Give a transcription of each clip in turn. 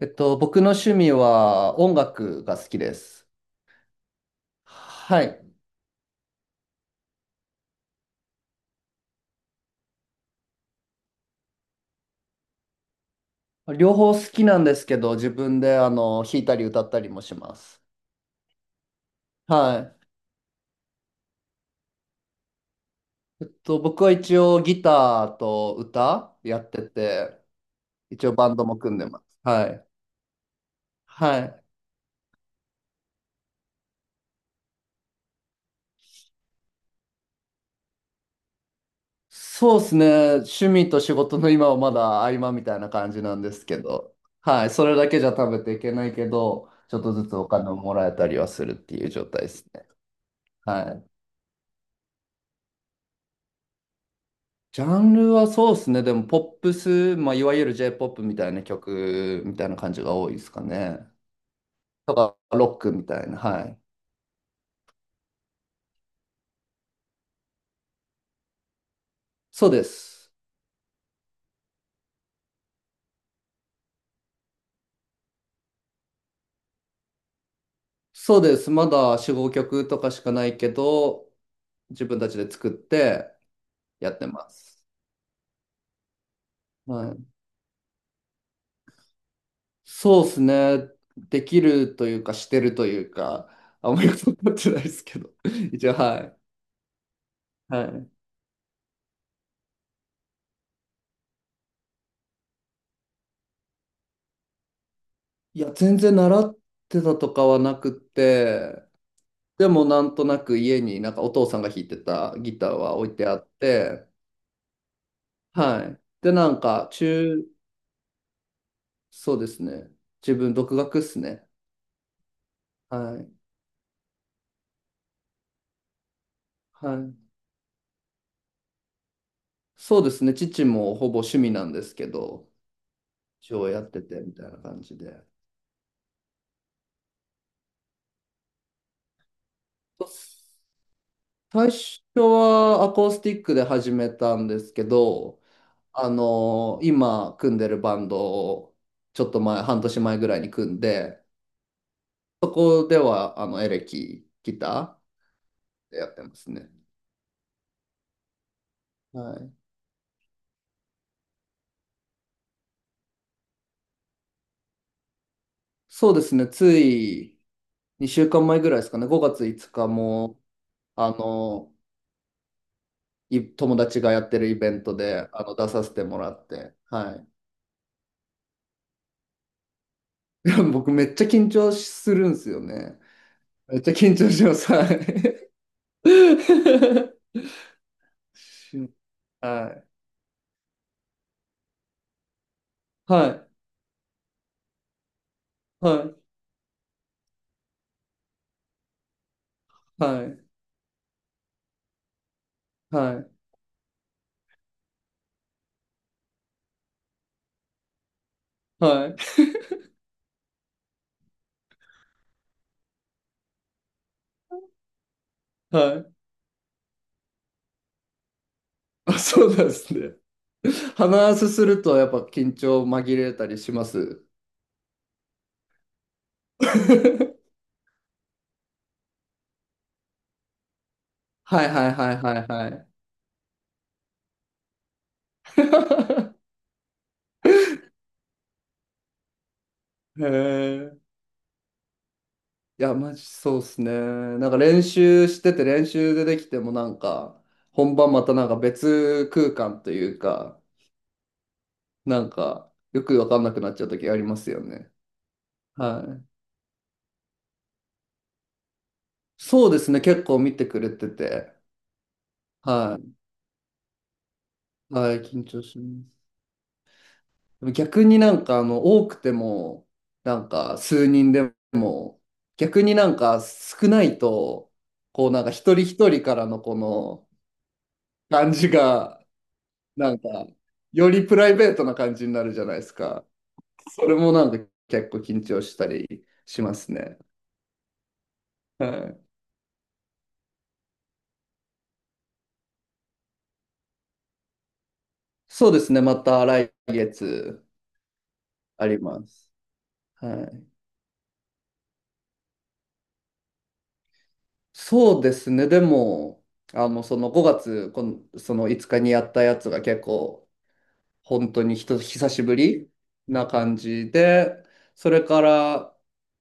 僕の趣味は音楽が好きです。はい。両方好きなんですけど、自分で弾いたり歌ったりもします。はい。僕は一応ギターと歌やってて、一応バンドも組んでます。はい。はい。そうですね。趣味と仕事の今はまだ合間みたいな感じなんですけど、はい。それだけじゃ食べていけないけど、ちょっとずつお金をもらえたりはするっていう状態ですね。はい。ジャンルはそうですね。でも、ポップス、まあ、いわゆる J-POP みたいな曲みたいな感じが多いですかね。とか、ロックみたいな。はい。そうです。そうです。まだ4、5曲とかしかないけど、自分たちで作ってやってます。はい。そうですね。できるというか、してるというか、あんまり分かってないですけど。一応、はい。はい。いや、全然習ってたとかはなくて、でもなんとなく家になんかお父さんが弾いてたギターは置いてあって、はい。で、なんか中、そうですね。自分独学っすね。はい。はい。そうですね。父もほぼ趣味なんですけど、一応やっててみたいな感じで。最初はアコースティックで始めたんですけど、あの今組んでるバンドをちょっと前、半年前ぐらいに組んで、そこではあのエレキギター、やってますね。はい。そうですね。つい2週間前ぐらいですかね。5月5日も、あの、い友達がやってるイベントで、出させてもらって。はい。でも僕めっちゃ緊張するんですよね。めっちゃ緊張します。はい。しはい。はい。はい。はい。はい。はい。はいあ、そうなんですね。話すするとやっぱ緊張紛れたりします。はいはいはいはいはい。へえ。いや、マジそうっすね。なんか練習してて練習でできてもなんか、本番またなんか別空間というか、なんか、よくわかんなくなっちゃう時ありますよね。はい。そうですね。結構見てくれてて。はい。はい、緊張します。でも逆になんかあの、多くても、なんか数人でも、逆になんか少ないと、こうなんか一人一人からのこの、感じが、なんか、よりプライベートな感じになるじゃないですか。それもなんか結構緊張したりしますね。はい。そうですね。また来月あります。はい。そうですね。でも、その5月、この、その5日にやったやつが結構本当にひと久しぶりな感じで、それから、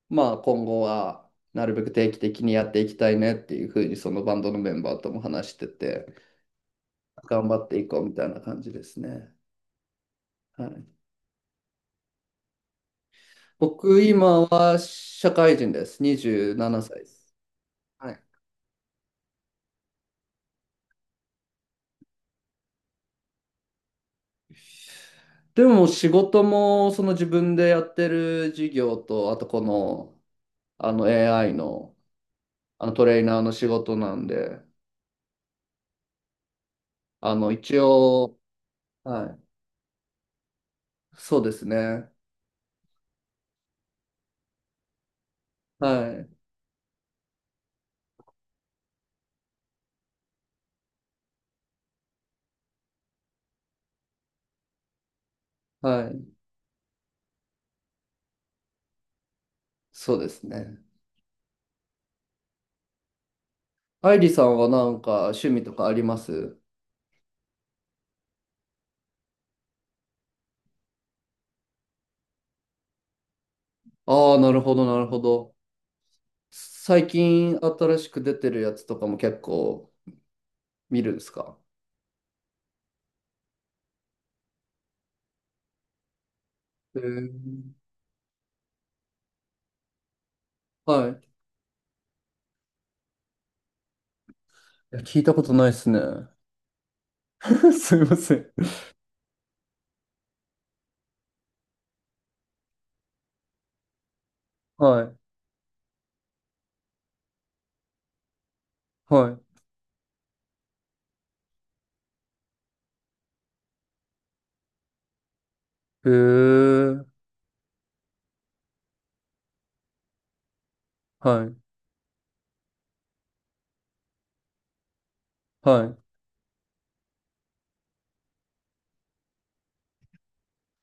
まあ今後はなるべく定期的にやっていきたいねっていうふうにそのバンドのメンバーとも話してて、頑張っていこうみたいな感じですね。はい、僕今は社会人です。27歳です。はい。でも仕事もその自分でやってる事業と、あとこの、あの AI の、あのトレーナーの仕事なんで、あの一応はい。そうですね。はい。はい。そうですね。愛理さんはなんか趣味とかありますああー、なるほど、なるほど。最近新しく出てるやつとかも結構見るんですかへえはい。いや、聞いたことないですね。すいません。はい。はい。へえ。はい。はい。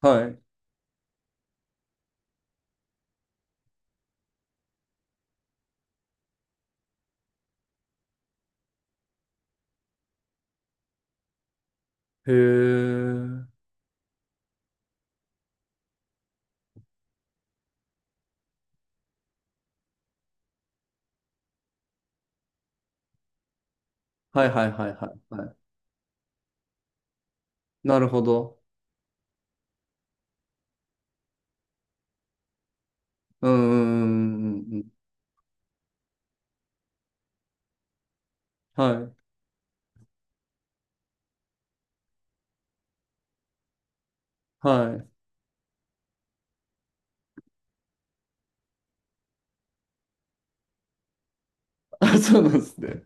はい。へえ。はいはいはいはいはい。なるほど。うんうんうんうんうん。はい。はい。あ、そうなんですね。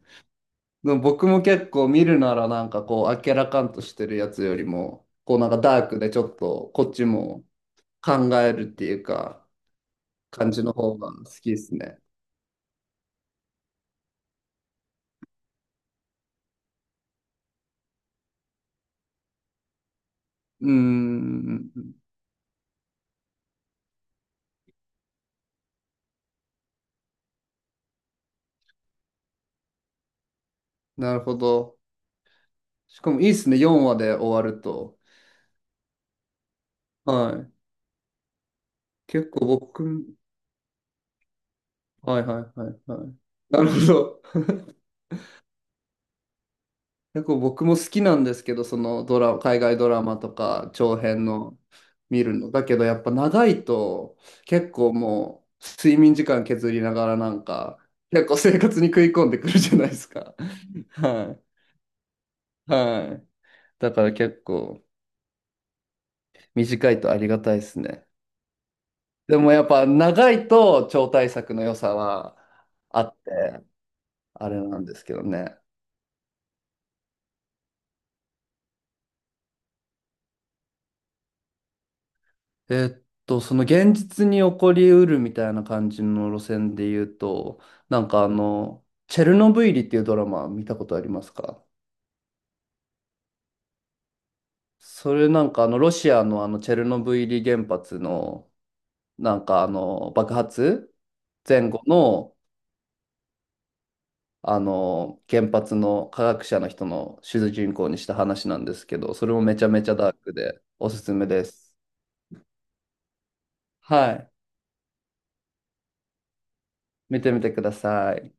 でも僕も結構見るならなんかこう明らかんとしてるやつよりもこうなんかダークでちょっとこっちも考えるっていうか感じの方が好きですね。うーん、なるほど。しかもいいですね、4話で終わると。はい。結構僕、はいはいはいはい。なるほど。結構僕も好きなんですけど、そのドラ、海外ドラマとか長編の見るの。だけどやっぱ長いと結構もう睡眠時間削りながらなんか結構生活に食い込んでくるじゃないですか。はい。はい。だから結構短いとありがたいですね。でもやっぱ長いと超大作の良さはあって、あれなんですけどね。その現実に起こりうるみたいな感じの路線で言うと、なんかあの、チェルノブイリっていうドラマ見たことありますかそれなんかあの、ロシアのあの、チェルノブイリ原発の、なんかあの、爆発前後の、あの、原発の科学者の人の主人公にした話なんですけど、それもめちゃめちゃダークでおすすめです。はい。見てみてください。